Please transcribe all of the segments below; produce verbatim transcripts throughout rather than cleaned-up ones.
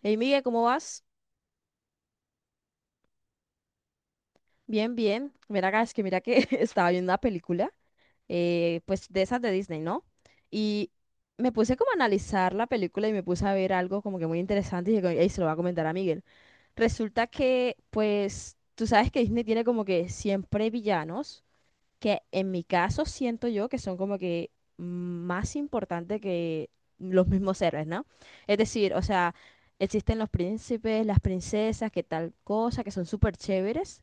Hey Miguel, ¿cómo vas? Bien, bien. Mira acá, es que mira que estaba viendo una película, eh, pues de esas de Disney, ¿no? Y me puse como a analizar la película y me puse a ver algo como que muy interesante y dije, "Ey, se lo voy a comentar a Miguel. Resulta que, pues, tú sabes que Disney tiene como que siempre villanos, que en mi caso siento yo que son como que más importantes que los mismos héroes, ¿no? Es decir, o sea, existen los príncipes, las princesas, que tal cosa, que son súper chéveres,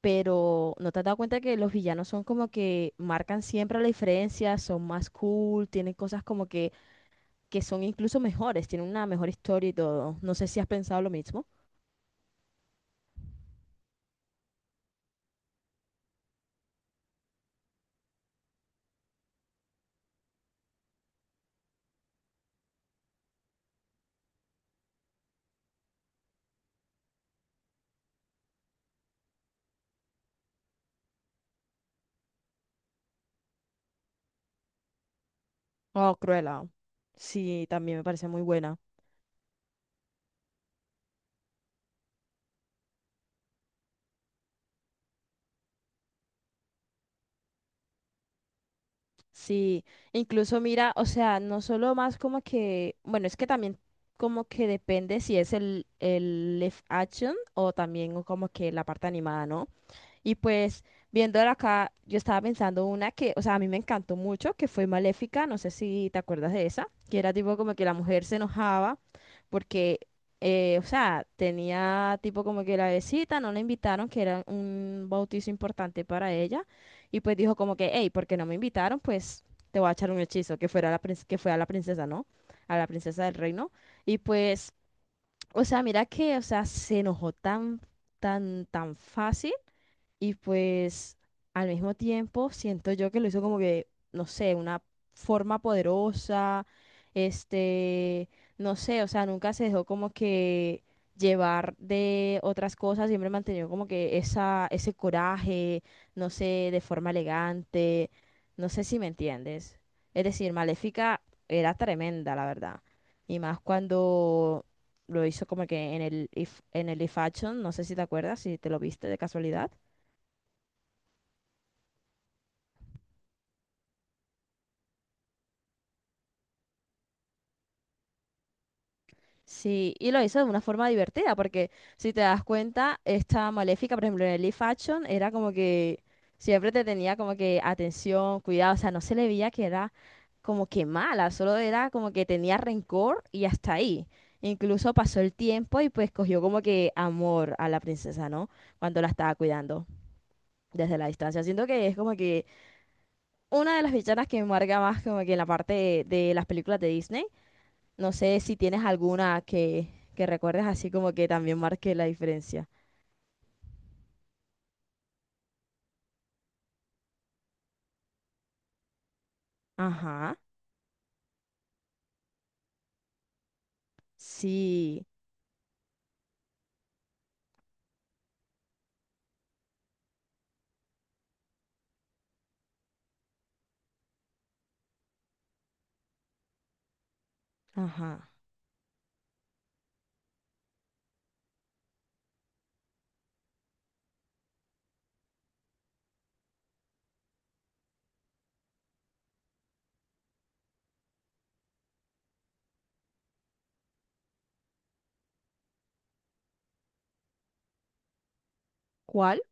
pero ¿no te has dado cuenta que los villanos son como que marcan siempre la diferencia, son más cool, tienen cosas como que, que son incluso mejores, tienen una mejor historia y todo? No sé si has pensado lo mismo. Oh, Cruella. Sí, también me parece muy buena. Sí, incluso mira, o sea, no solo más como que, bueno, es que también como que depende si es el, el live action o también como que la parte animada, ¿no? Y pues viéndola acá, yo estaba pensando una que, o sea, a mí me encantó mucho, que fue Maléfica, no sé si te acuerdas de esa, que era tipo como que la mujer se enojaba porque, eh, o sea, tenía tipo como que la besita, no la invitaron, que era un bautizo importante para ella, y pues dijo como que, hey, ¿porque no me invitaron? Pues te voy a echar un hechizo, que fuera la prin- que fue a la princesa, ¿no? A la princesa del reino. Y pues, o sea, mira que, o sea, se enojó tan, tan, tan fácil y pues al mismo tiempo siento yo que lo hizo como que, no sé, una forma poderosa, este, no sé, o sea, nunca se dejó como que llevar de otras cosas, siempre mantenió como que esa, ese coraje, no sé, de forma elegante, no sé si me entiendes. Es decir, Maléfica era tremenda, la verdad. Y más cuando lo hizo como que en el, If- en el If Action, no sé si te acuerdas, si te lo viste de casualidad. Sí, y lo hizo de una forma divertida, porque si te das cuenta, esta Maléfica, por ejemplo, en el live action, era como que siempre te tenía como que atención, cuidado, o sea, no se le veía que era como que mala, solo era como que tenía rencor y hasta ahí. Incluso pasó el tiempo y pues cogió como que amor a la princesa, ¿no? Cuando la estaba cuidando desde la distancia. Siento que es como que una de las villanas que me marca más como que en la parte de, de las películas de Disney, no sé si tienes alguna que, que recuerdes así como que también marque la diferencia. Ajá, sí, ajá. ¿Cuál?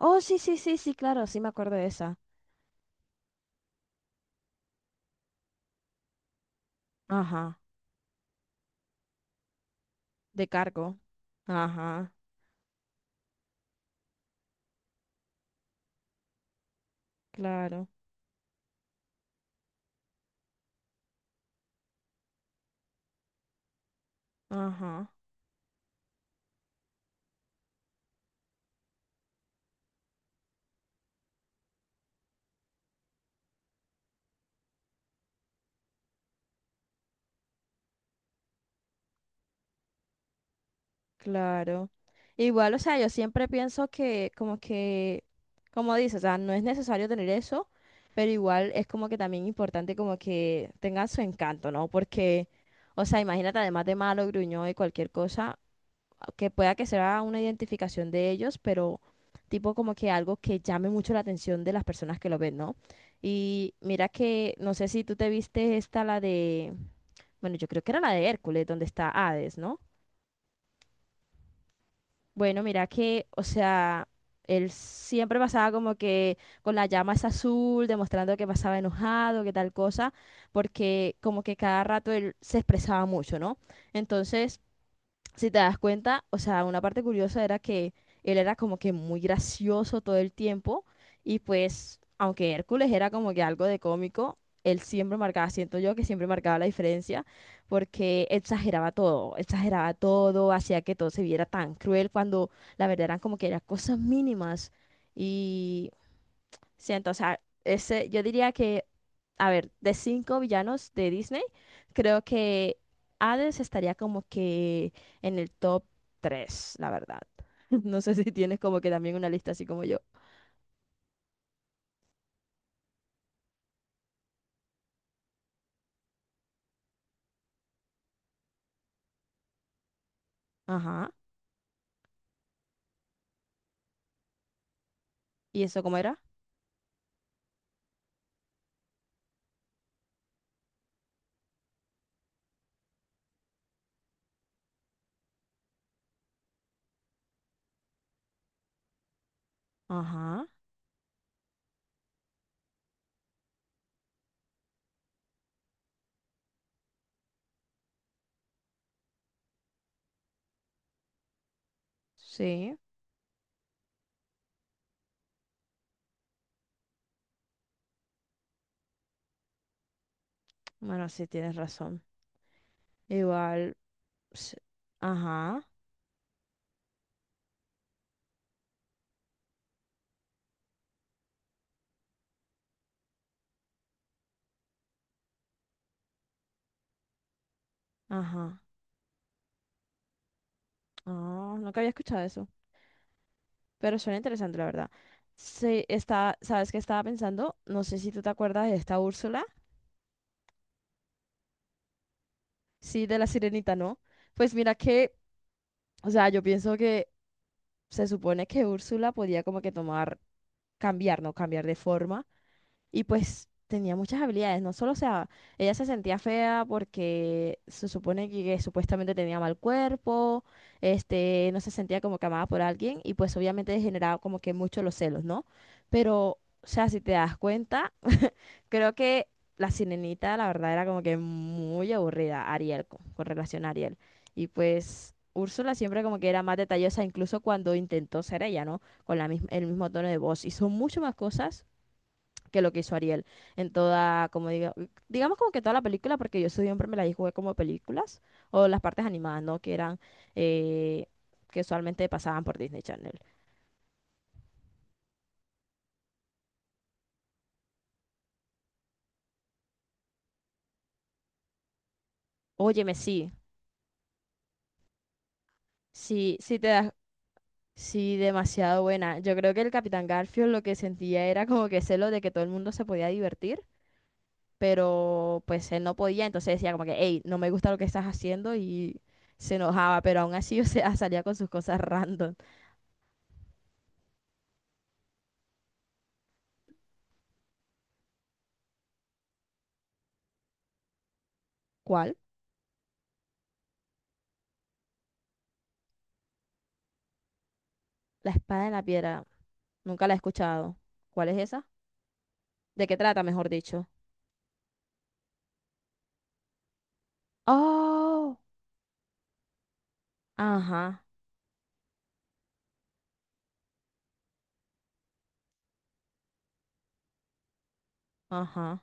Oh, sí, sí, sí, sí, claro, sí me acuerdo de esa. Ajá, de cargo. Ajá, claro, ajá, claro. Igual, o sea, yo siempre pienso que como que, como dices, o sea, no es necesario tener eso, pero igual es como que también importante como que tengan su encanto, ¿no? Porque o sea, imagínate, además de malo, gruñón y cualquier cosa, que pueda que sea una identificación de ellos, pero tipo como que algo que llame mucho la atención de las personas que lo ven, ¿no? Y mira que, no sé si tú te viste esta, la de, bueno, yo creo que era la de Hércules, donde está Hades, ¿no? Bueno, mira que, o sea, él siempre pasaba como que con la llama es azul, demostrando que pasaba enojado, que tal cosa, porque como que cada rato él se expresaba mucho, ¿no? Entonces, si te das cuenta, o sea, una parte curiosa era que él era como que muy gracioso todo el tiempo y pues, aunque Hércules era como que algo de cómico, él siempre marcaba, siento yo que siempre marcaba la diferencia porque exageraba todo, exageraba todo, hacía que todo se viera tan cruel cuando la verdad eran como que eran cosas mínimas, y siento, o sea, ese, yo diría que, a ver, de cinco villanos de Disney, creo que Hades estaría como que en el top tres, la verdad. No sé si tienes como que también una lista así como yo. Ajá. ¿Y eso cómo era? Ajá. Sí. Bueno, sí, tienes razón. Igual. s- Ajá. Ajá. Ah, nunca había escuchado eso. Pero suena interesante, la verdad. Sí, está, ¿sabes qué estaba pensando? No sé si tú te acuerdas de esta Úrsula. Sí, de la sirenita, ¿no? Pues mira que, o sea, yo pienso que se supone que Úrsula podía como que tomar, cambiar, ¿no? Cambiar de forma. Y pues tenía muchas habilidades, no solo, o sea, ella se sentía fea porque se supone que, que, supuestamente tenía mal cuerpo, este, no se sentía como que amada por alguien y pues obviamente generaba como que mucho los celos, ¿no? Pero, o sea, si te das cuenta, creo que la sirenita, la verdad, era como que muy aburrida, Ariel, con, con relación a Ariel. Y pues Úrsula siempre como que era más detallosa, incluso cuando intentó ser ella, ¿no? Con la mis- el mismo tono de voz. Hizo mucho más cosas que lo que hizo Ariel en toda, como digo, digamos como que toda la película, porque yo siempre me la jugué como películas o las partes animadas, ¿no? Que eran, eh, que usualmente pasaban por Disney Channel. Óyeme, sí, sí, sí te das, sí, demasiado buena. Yo creo que el Capitán Garfield lo que sentía era como que celo de que todo el mundo se podía divertir, pero pues él no podía, entonces decía como que, hey, no me gusta lo que estás haciendo y se enojaba, pero aún así, o sea, salía con sus cosas random. ¿Cuál? La espada en la piedra. Nunca la he escuchado. ¿Cuál es esa? ¿De qué trata, mejor dicho? Oh, ajá, ajá.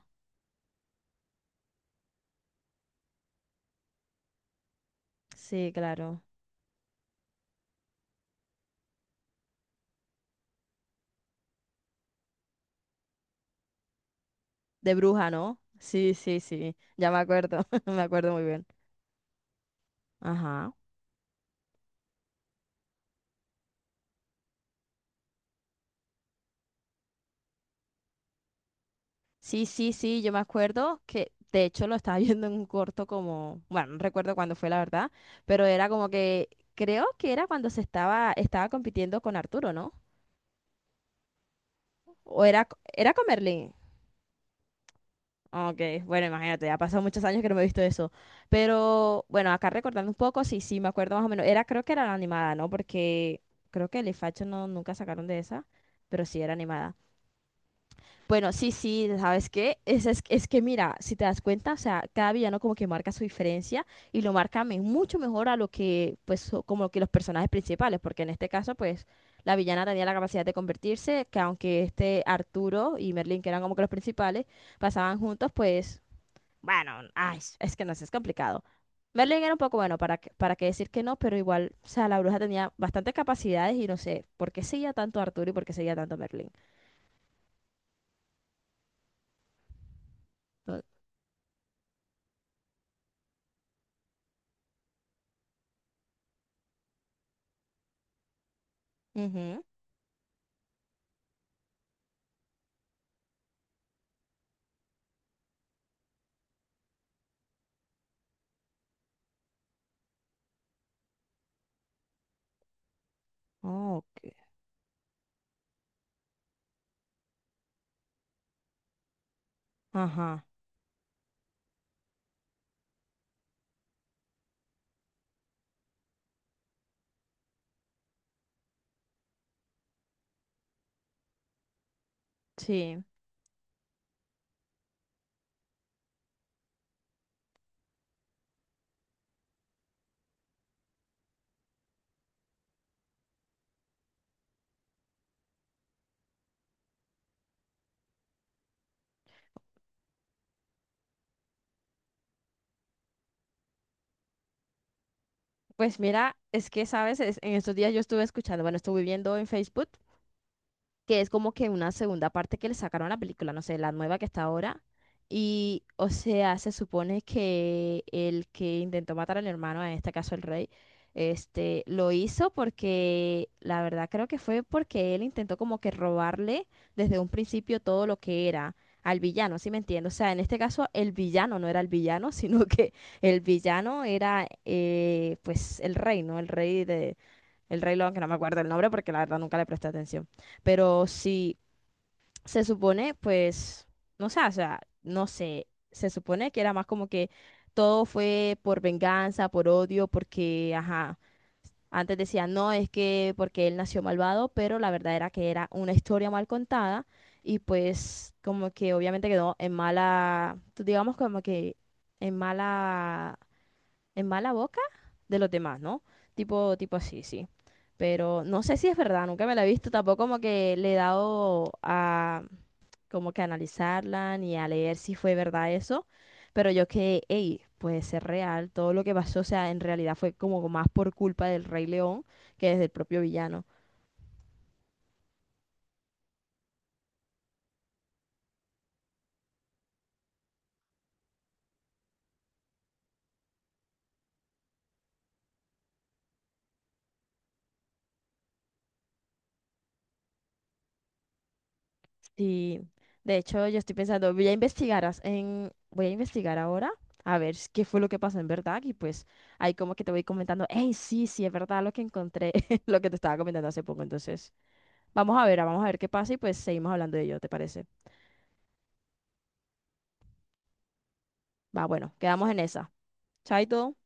Sí, claro. De bruja, ¿no? Sí, sí, sí. Ya me acuerdo. Me acuerdo muy bien. Ajá. Sí, sí, sí. Yo me acuerdo que, de hecho, lo estaba viendo en un corto como, bueno, no recuerdo cuándo fue, la verdad, pero era como que, creo que era cuando se estaba, estaba compitiendo con Arturo, ¿no? O era, c- era con Merlín. Ah, ok, bueno, imagínate, ya ha pasado muchos años que no me he visto eso. Pero bueno, acá recordando un poco, sí, sí, me acuerdo más o menos. Era, creo que era la animada, ¿no? Porque creo que el Facho no, nunca sacaron de esa, pero sí era animada. Bueno, sí, sí, ¿sabes qué? Es, es, es que mira, si te das cuenta, o sea, cada villano como que marca su diferencia y lo marca me- mucho mejor a lo que, pues, so- como que los personajes principales, porque en este caso, pues, la villana tenía la capacidad de convertirse, que aunque este Arturo y Merlin, que eran como que los principales, pasaban juntos, pues bueno, ay, es que no sé, es complicado. Merlin era un poco bueno, para, qué- para qué decir que no, pero igual, o sea, la bruja tenía bastantes capacidades y no sé por qué seguía tanto a Arturo y por qué seguía tanto a Merlin. No- Ujú. Oh, ok. Ajá, sí. Pues mira, es que, ¿sabes? Es- en estos días yo estuve escuchando, bueno, estuve viendo en Facebook que es como que una segunda parte que le sacaron a la película, no sé, la nueva que está ahora. Y, o sea, se supone que el que intentó matar al hermano, en este caso el rey, este, lo hizo porque, la verdad creo que fue porque él intentó como que robarle desde un principio todo lo que era al villano, ¿sí me entiendes? O sea, en este caso el villano no era el villano, sino que el villano era, eh, pues, el rey, ¿no? El rey de, el Rey León, que no me acuerdo el nombre porque la verdad nunca le presté atención. Pero sí, se supone, pues, no sé, o sea, no sé, se supone que era más como que todo fue por venganza, por odio, porque, ajá, antes decían, no, es que porque él nació malvado, pero la verdad era que era una historia mal contada y pues como que obviamente quedó en mala, digamos como que en mala en mala boca de los demás, ¿no? Tipo, tipo así, sí. Pero no sé si es verdad, nunca me la he visto, tampoco como que le he dado a como que analizarla ni a leer si fue verdad eso, pero yo que, hey, puede ser real, todo lo que pasó, o sea, en realidad fue como más por culpa del Rey León que desde el propio villano. Sí, de hecho yo estoy pensando, voy a investigar, as- en, voy a investigar ahora a ver s- qué fue lo que pasó en verdad y pues ahí como que te voy comentando, hey, sí, sí, es verdad lo que encontré, lo que te estaba comentando hace poco, entonces vamos a ver, ah, vamos a ver qué pasa y pues seguimos hablando de ello, ¿te parece? Va, bueno, quedamos en esa. Chaito.